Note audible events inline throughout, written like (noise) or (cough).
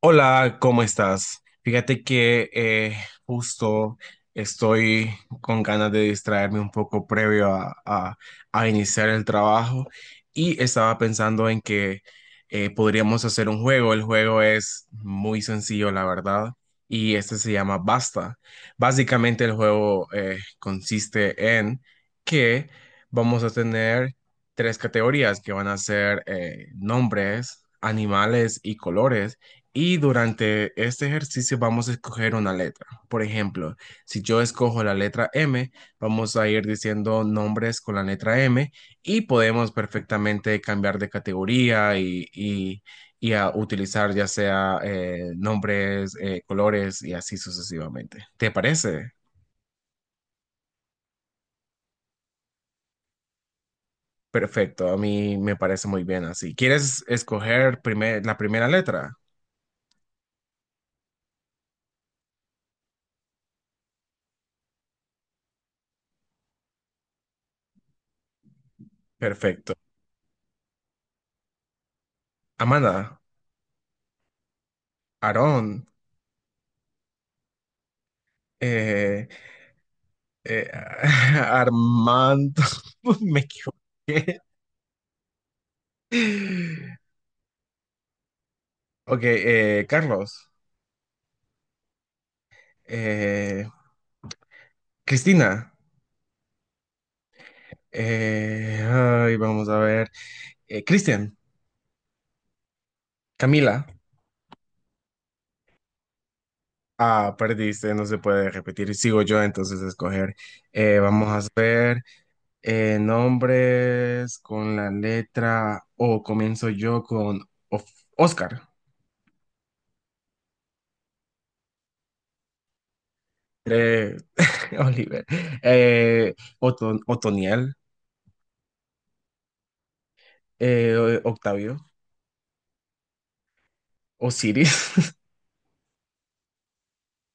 Hola, ¿cómo estás? Fíjate que justo estoy con ganas de distraerme un poco previo a iniciar el trabajo y estaba pensando en que podríamos hacer un juego. El juego es muy sencillo, la verdad, y este se llama Basta. Básicamente el juego consiste en que vamos a tener tres categorías que van a ser nombres, animales y colores y durante este ejercicio vamos a escoger una letra. Por ejemplo, si yo escojo la letra M, vamos a ir diciendo nombres con la letra M y podemos perfectamente cambiar de categoría y a utilizar ya sea nombres, colores y así sucesivamente. ¿Te parece? Perfecto, a mí me parece muy bien así. ¿Quieres escoger la primera letra? Perfecto. Amanda, Aarón, eh, Eh, (laughs) Armando, (laughs) me equivoqué. Ok, Carlos, eh, Cristina, ay, vamos a ver, Cristian, Camila, ah, perdiste, no se puede repetir, sigo yo entonces a escoger. Vamos a ver nombres con la letra O, comienzo yo con Of- Oscar, eh, (laughs) Oliver, eh, Otoniel. Octavio, Osiris,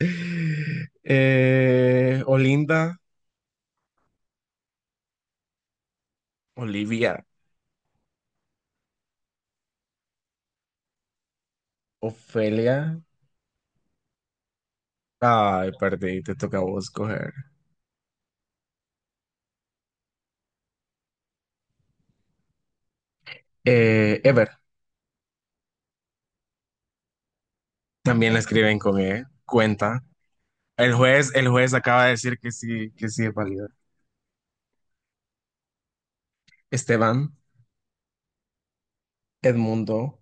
(laughs) Olinda, Olivia, Ofelia. Ay, perdí, te toca a vos coger. Ever, también la escriben con E, cuenta. El juez acaba de decir que sí es válido. Esteban, Edmundo,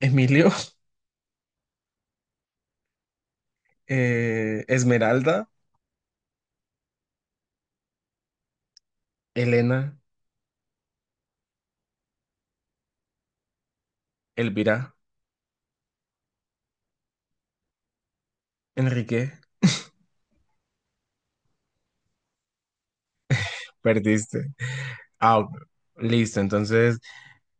Emilio, (laughs) Esmeralda, Elena, Elvira, Enrique, perdiste. Ah, ok, listo, entonces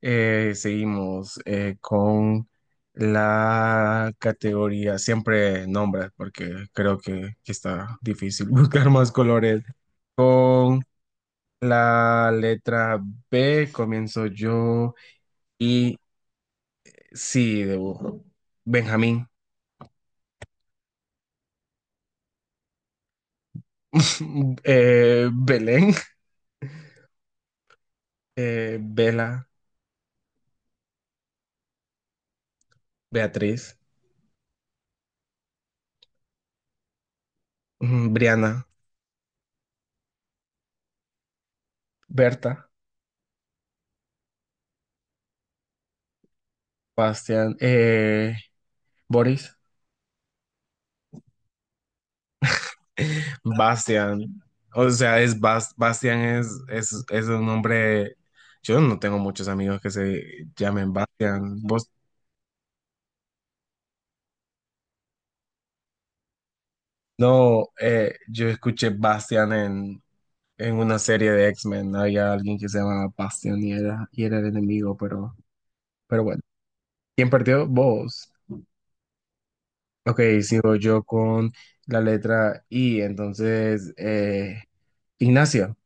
Eh, seguimos con la categoría, siempre nombres, porque creo que está difícil (laughs) buscar más colores. Con la letra B comienzo yo y sí, debo. Benjamín, (laughs) Belén, Bela, Beatriz, Briana, Berta, Bastián, Boris. Bastian. O sea, es Bastian es un nombre. Yo no tengo muchos amigos que se llamen Bastian. Vos- no, yo escuché Bastian en una serie de X-Men. Había alguien que se llamaba Bastian y era el enemigo, pero bueno. ¿Quién perdió? Vos. Ok, sigo yo con la letra I. Entonces, Ignacio,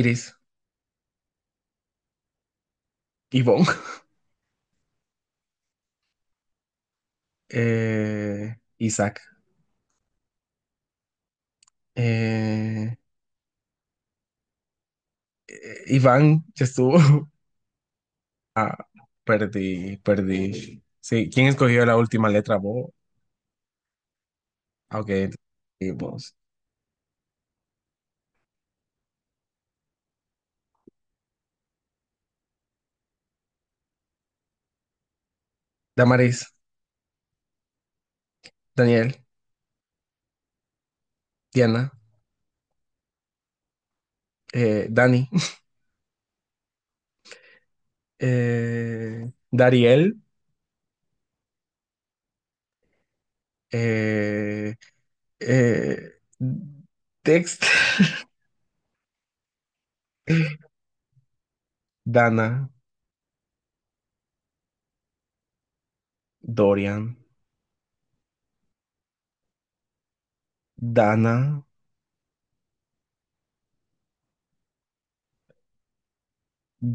Iris, Ivonne, (laughs) Isaac. Eh, Iván ya estuvo. (laughs) Ah, perdí, perdí. Sí, ¿quién escogió la última letra? Vos. Ah, ok, y vos. Damaris, Daniel, Diana, Dani, (laughs) Dariel, eh, eh, Dexter, (laughs) Dana, Dorian, Dana,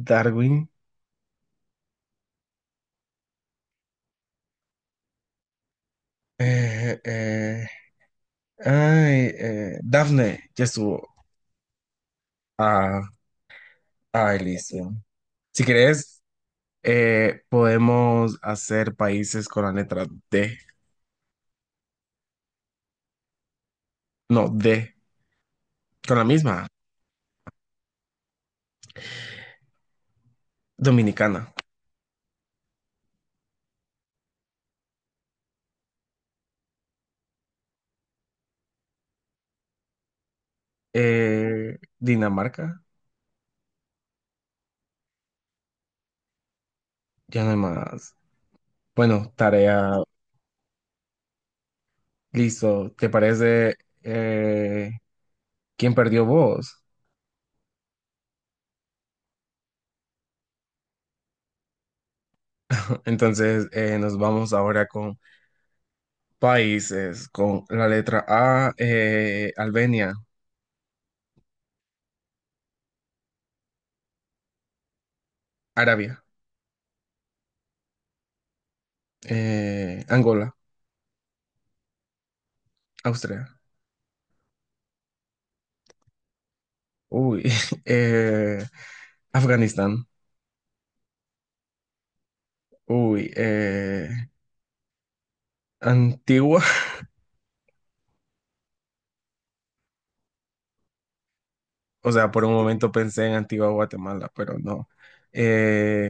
Darwin, eh, eh, ay, Daphne, ya estuvo. Ah, ay, listo. Si querés. Podemos hacer países con la letra D, no, D, con la misma, Dominicana. Dinamarca, ya no hay más. Bueno, tarea, listo. ¿Te parece? eh, ¿Quién perdió? ¿Vos? (laughs) Entonces nos vamos ahora con países, con la letra A, Albania, Arabia, Angola, Austria, uy, (laughs) eh, Afganistán, uy, Antigua, (laughs) o sea, por un momento pensé en Antigua Guatemala, pero no. Eh,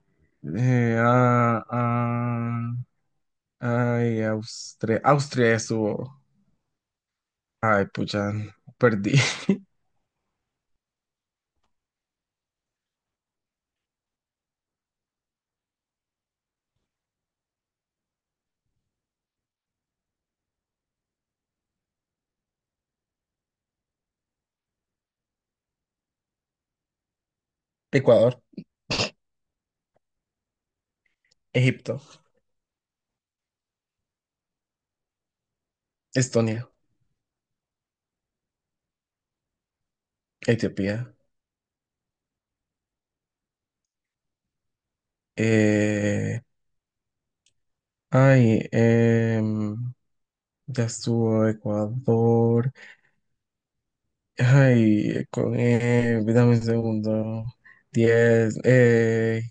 ah, ah, ay, Austria, Austria estuvo. Ay, pucha, perdí. (laughs) Ecuador, Egipto, Estonia, Etiopía. Eh, ay, ya estuvo Ecuador. Ay, dame un segundo. 10.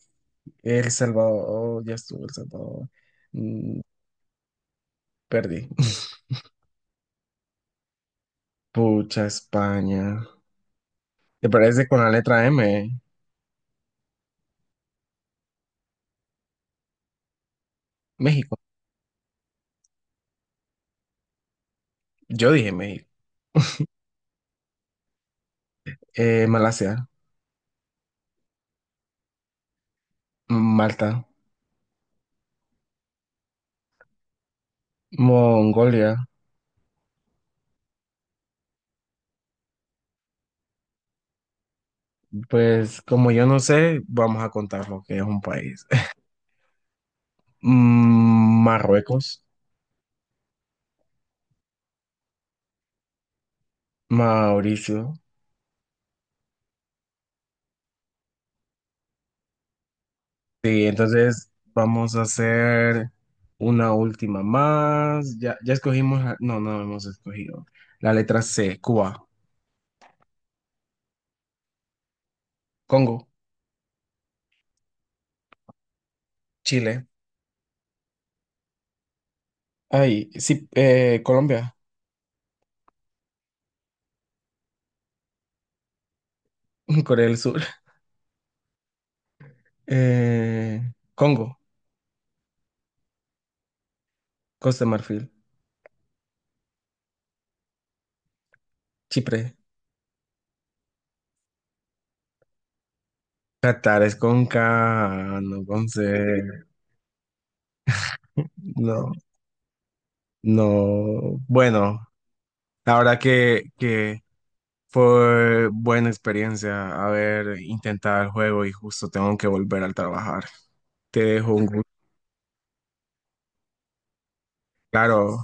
El Salvador, ya estuvo El Salvador. Mm, perdí. (laughs) Pucha, España. ¿Te parece con la letra M? México. Yo dije México. (laughs) Malasia, Malta, Mongolia. Pues como yo no sé, vamos a contar lo que es un país. (laughs) Marruecos, Mauricio. Sí, entonces vamos a hacer una última más. Ya, ya escogimos, no, no hemos escogido. La letra C, Cuba. Congo, Chile. Ay, sí, Colombia, (laughs) Corea del Sur, eh, Congo, Costa de Marfil, Chipre. Qatar es con K, no con C. No, no. Bueno, la verdad que fue buena experiencia haber intentado el juego y justo tengo que volver al trabajar. Te dejo un gusto. Claro,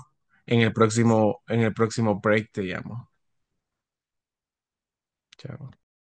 en el próximo break te llamo. Chao.